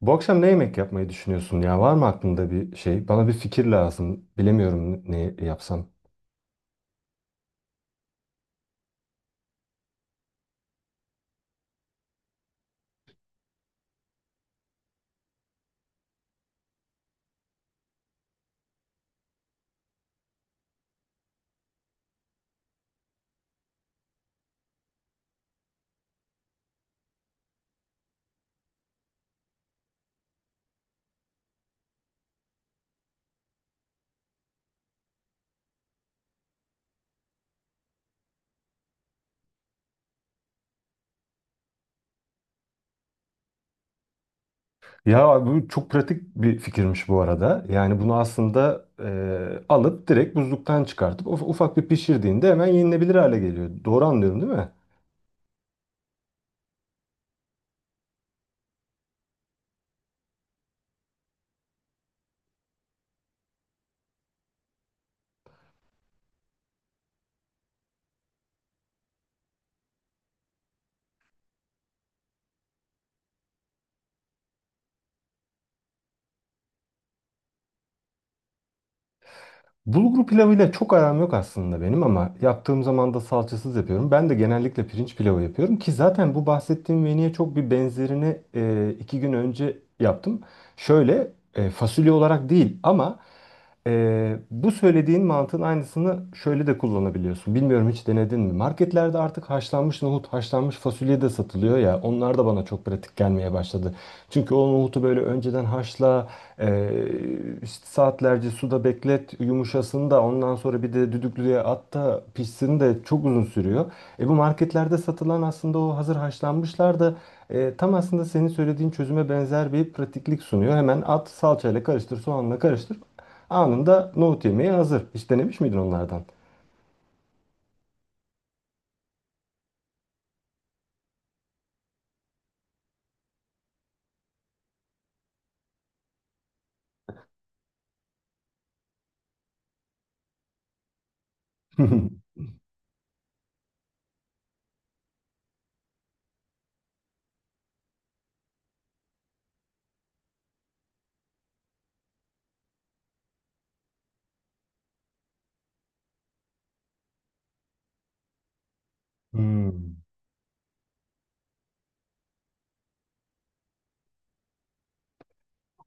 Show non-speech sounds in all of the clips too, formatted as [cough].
Bu akşam ne yemek yapmayı düşünüyorsun ya? Var mı aklında bir şey? Bana bir fikir lazım. Bilemiyorum ne yapsam. Ya bu çok pratik bir fikirmiş bu arada. Yani bunu aslında alıp direkt buzluktan çıkartıp ufak bir pişirdiğinde hemen yenilebilir hale geliyor. Doğru anlıyorum değil mi? Bulgur pilavıyla çok aram yok aslında benim ama yaptığım zaman da salçasız yapıyorum. Ben de genellikle pirinç pilavı yapıyorum ki zaten bu bahsettiğim menüye çok bir benzerini 2 gün önce yaptım. Şöyle fasulye olarak değil ama bu söylediğin mantığın aynısını şöyle de kullanabiliyorsun. Bilmiyorum hiç denedin mi? Marketlerde artık haşlanmış nohut, haşlanmış fasulye de satılıyor ya onlar da bana çok pratik gelmeye başladı. Çünkü o nohutu böyle önceden haşla, e, işte saatlerce suda beklet, yumuşasın da ondan sonra bir de düdüklüye at da pişsin de çok uzun sürüyor. E bu marketlerde satılan aslında o hazır haşlanmışlar da tam aslında senin söylediğin çözüme benzer bir pratiklik sunuyor. Hemen at, salçayla karıştır, soğanla karıştır. Anında nohut yemeği hazır. Hiç denemiş miydin onlardan? [laughs] Hmm.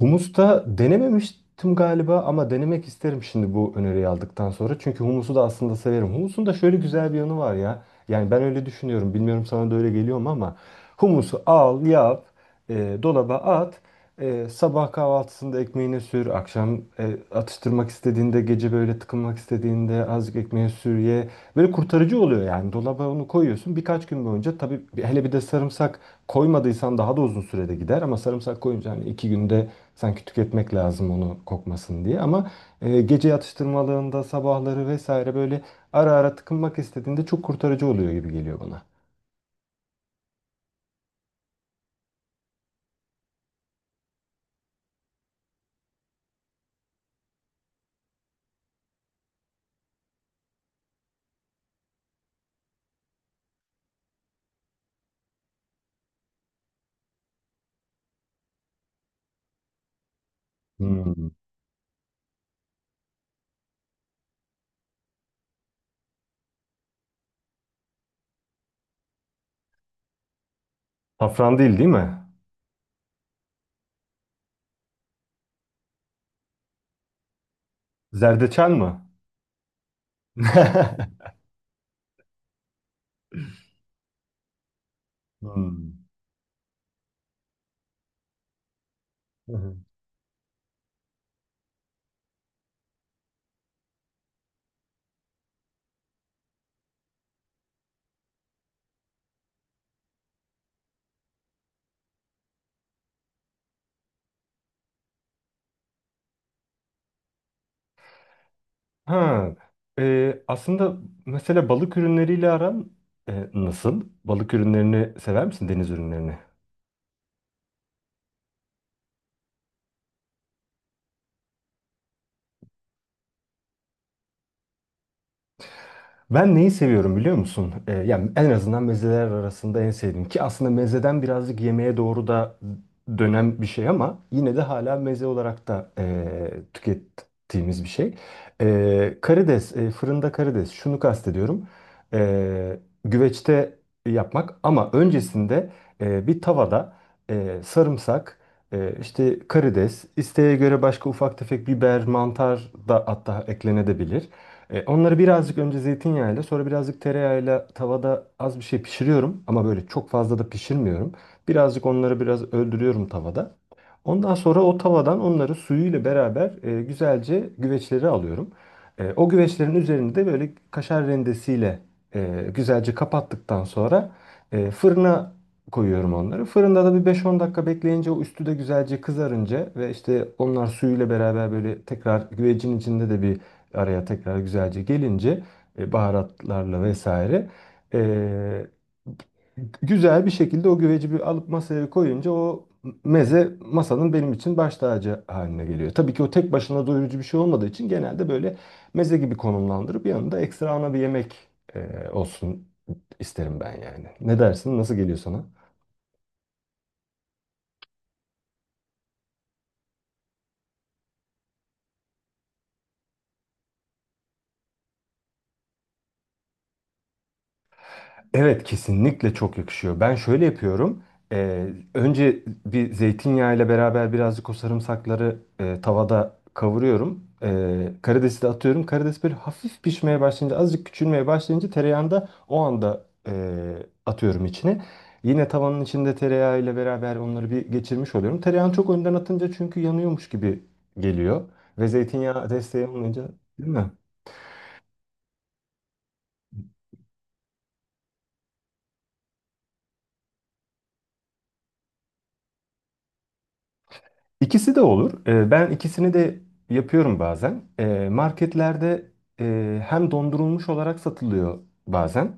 Humus'ta denememiştim galiba ama denemek isterim şimdi bu öneriyi aldıktan sonra. Çünkü humusu da aslında severim. Humusun da şöyle güzel bir yanı var ya. Yani ben öyle düşünüyorum. Bilmiyorum sana da öyle geliyor mu ama humusu al, yap dolaba at. Sabah kahvaltısında ekmeğine sür. Akşam atıştırmak istediğinde, gece böyle tıkınmak istediğinde azıcık ekmeğe sür ye. Böyle kurtarıcı oluyor yani. Dolaba onu koyuyorsun. Birkaç gün boyunca tabii hele bir de sarımsak koymadıysan daha da uzun sürede gider. Ama sarımsak koyunca hani 2 günde sanki tüketmek lazım onu kokmasın diye. Ama gece atıştırmalığında, sabahları vesaire böyle ara ara tıkınmak istediğinde çok kurtarıcı oluyor gibi geliyor bana. Hmm. Safran değil değil mi? Zerdeçal mı? [laughs] Hmm. Hı hı. Ha, aslında mesela balık ürünleriyle aran nasıl? Balık ürünlerini sever misin deniz ürünlerini? Ben neyi seviyorum biliyor musun? Yani en azından mezeler arasında en sevdiğim ki aslında mezeden birazcık yemeğe doğru da dönen bir şey ama yine de hala meze olarak da tükettiğimiz bir şey. Karides, fırında karides. Şunu kastediyorum. E, Güveçte yapmak ama öncesinde bir tavada sarımsak, işte karides, isteğe göre başka ufak tefek biber, mantar da hatta eklenebilir. Onları birazcık önce zeytinyağıyla sonra birazcık tereyağıyla tavada az bir şey pişiriyorum ama böyle çok fazla da pişirmiyorum. Birazcık onları biraz öldürüyorum tavada. Ondan sonra o tavadan onları suyuyla beraber güzelce güveçleri alıyorum. O güveçlerin üzerini de böyle kaşar rendesiyle güzelce kapattıktan sonra fırına koyuyorum onları. Fırında da bir 5-10 dakika bekleyince o üstü de güzelce kızarınca ve işte onlar suyuyla beraber böyle tekrar güvecin içinde de bir araya tekrar güzelce gelince baharatlarla vesaire e, Güzel bir şekilde o güveci bir alıp masaya koyunca o meze masanın benim için baş tacı haline geliyor. Tabii ki o tek başına doyurucu bir şey olmadığı için genelde böyle meze gibi konumlandırıp yanında ekstra ana bir yemek olsun isterim ben yani. Ne dersin? Nasıl geliyor sana? Evet, kesinlikle çok yakışıyor. Ben şöyle yapıyorum. Ee, Önce bir zeytinyağı ile beraber birazcık o sarımsakları tavada kavuruyorum. Karidesi de atıyorum. Karides böyle hafif pişmeye başlayınca, azıcık küçülmeye başlayınca tereyağını da o anda atıyorum içine. Yine tavanın içinde tereyağı ile beraber onları bir geçirmiş oluyorum. Tereyağını çok önden atınca çünkü yanıyormuş gibi geliyor. Ve zeytinyağı desteği olunca değil mi? İkisi de olur. Ben ikisini de yapıyorum bazen. Marketlerde hem dondurulmuş olarak satılıyor bazen.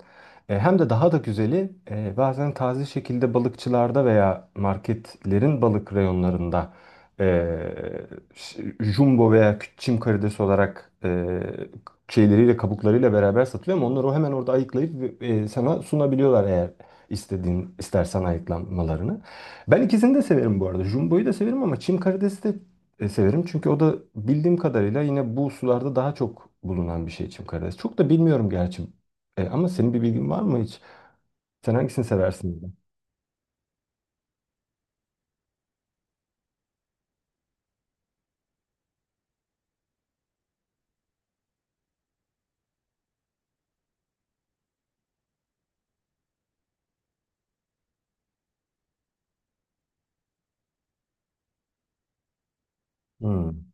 Hem de daha da güzeli bazen taze şekilde balıkçılarda veya marketlerin balık reyonlarında e, jumbo veya çim karidesi olarak şeyleriyle kabuklarıyla beraber satılıyor ama onları o hemen orada ayıklayıp sana sunabiliyorlar eğer istediğin istersen ayıklamalarını. Ben ikisini de severim bu arada. Jumbo'yu da severim ama çim karidesi de severim. Çünkü o da bildiğim kadarıyla yine bu sularda daha çok bulunan bir şey çim karidesi. Çok da bilmiyorum gerçi. Ama senin bir bilgin var mı hiç? Sen hangisini seversin? Hmm.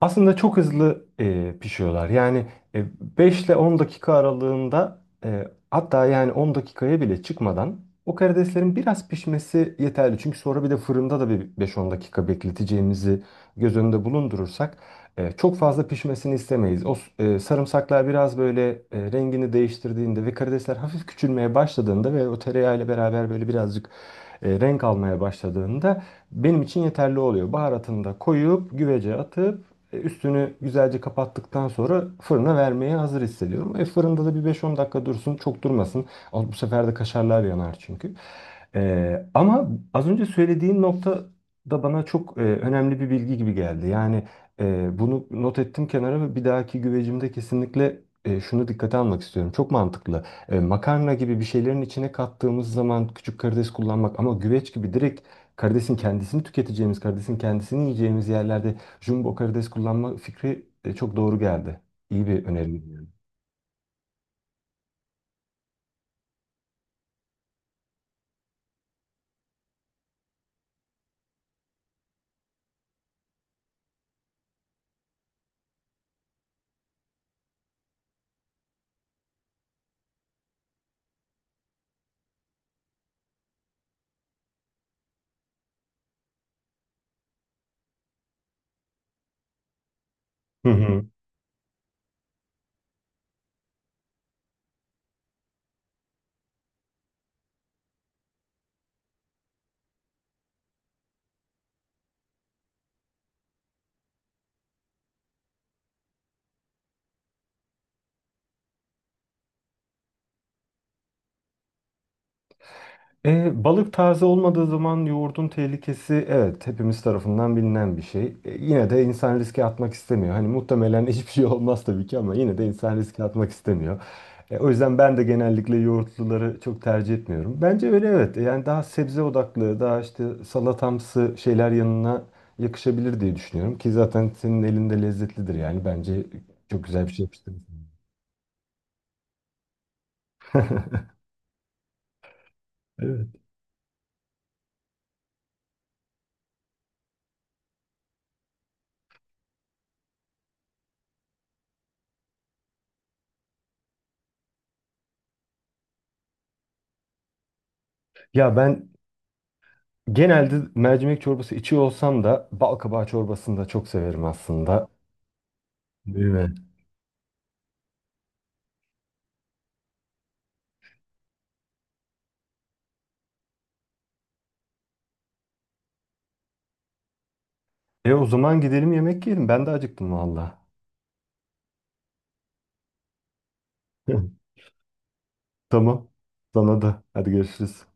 Aslında çok hızlı pişiyorlar. Yani e, 5 ile 10 dakika aralığında hatta yani 10 dakikaya bile çıkmadan o karideslerin biraz pişmesi yeterli. Çünkü sonra bir de fırında da bir 5-10 dakika bekleteceğimizi göz önünde bulundurursak çok fazla pişmesini istemeyiz. O sarımsaklar biraz böyle rengini değiştirdiğinde ve karidesler hafif küçülmeye başladığında ve o tereyağıyla beraber böyle birazcık renk almaya başladığında benim için yeterli oluyor. Baharatını da koyup güvece atıp üstünü güzelce kapattıktan sonra fırına vermeye hazır hissediyorum. Fırında da bir 5-10 dakika dursun, çok durmasın. Al, bu sefer de kaşarlar yanar çünkü. Ama az önce söylediğin nokta da bana çok önemli bir bilgi gibi geldi. Yani bunu not ettim kenara ve bir dahaki güvecimde kesinlikle şunu dikkate almak istiyorum. Çok mantıklı. Makarna gibi bir şeylerin içine kattığımız zaman küçük karides kullanmak ama güveç gibi direkt karidesin kendisini tüketeceğimiz, karidesin kendisini yiyeceğimiz yerlerde jumbo karides kullanma fikri çok doğru geldi. İyi bir öneri, yani. Hı hı. Balık taze olmadığı zaman yoğurdun tehlikesi evet hepimiz tarafından bilinen bir şey. Yine de insan riske atmak istemiyor. Hani muhtemelen [laughs] hiçbir şey olmaz tabii ki ama yine de insan riske atmak istemiyor. O yüzden ben de genellikle yoğurtluları çok tercih etmiyorum. Bence öyle evet. Yani daha sebze odaklı, daha işte salatamsı şeyler yanına yakışabilir diye düşünüyorum. Ki zaten senin elinde lezzetlidir yani. Bence çok güzel bir şey yapıştırmışsın. Evet. Ya ben genelde mercimek çorbası içiyor olsam da bal çorbasını da çok severim aslında. Değil mi? E o zaman gidelim yemek yiyelim. Ben de acıktım valla. [laughs] Tamam. Sana da. Hadi görüşürüz.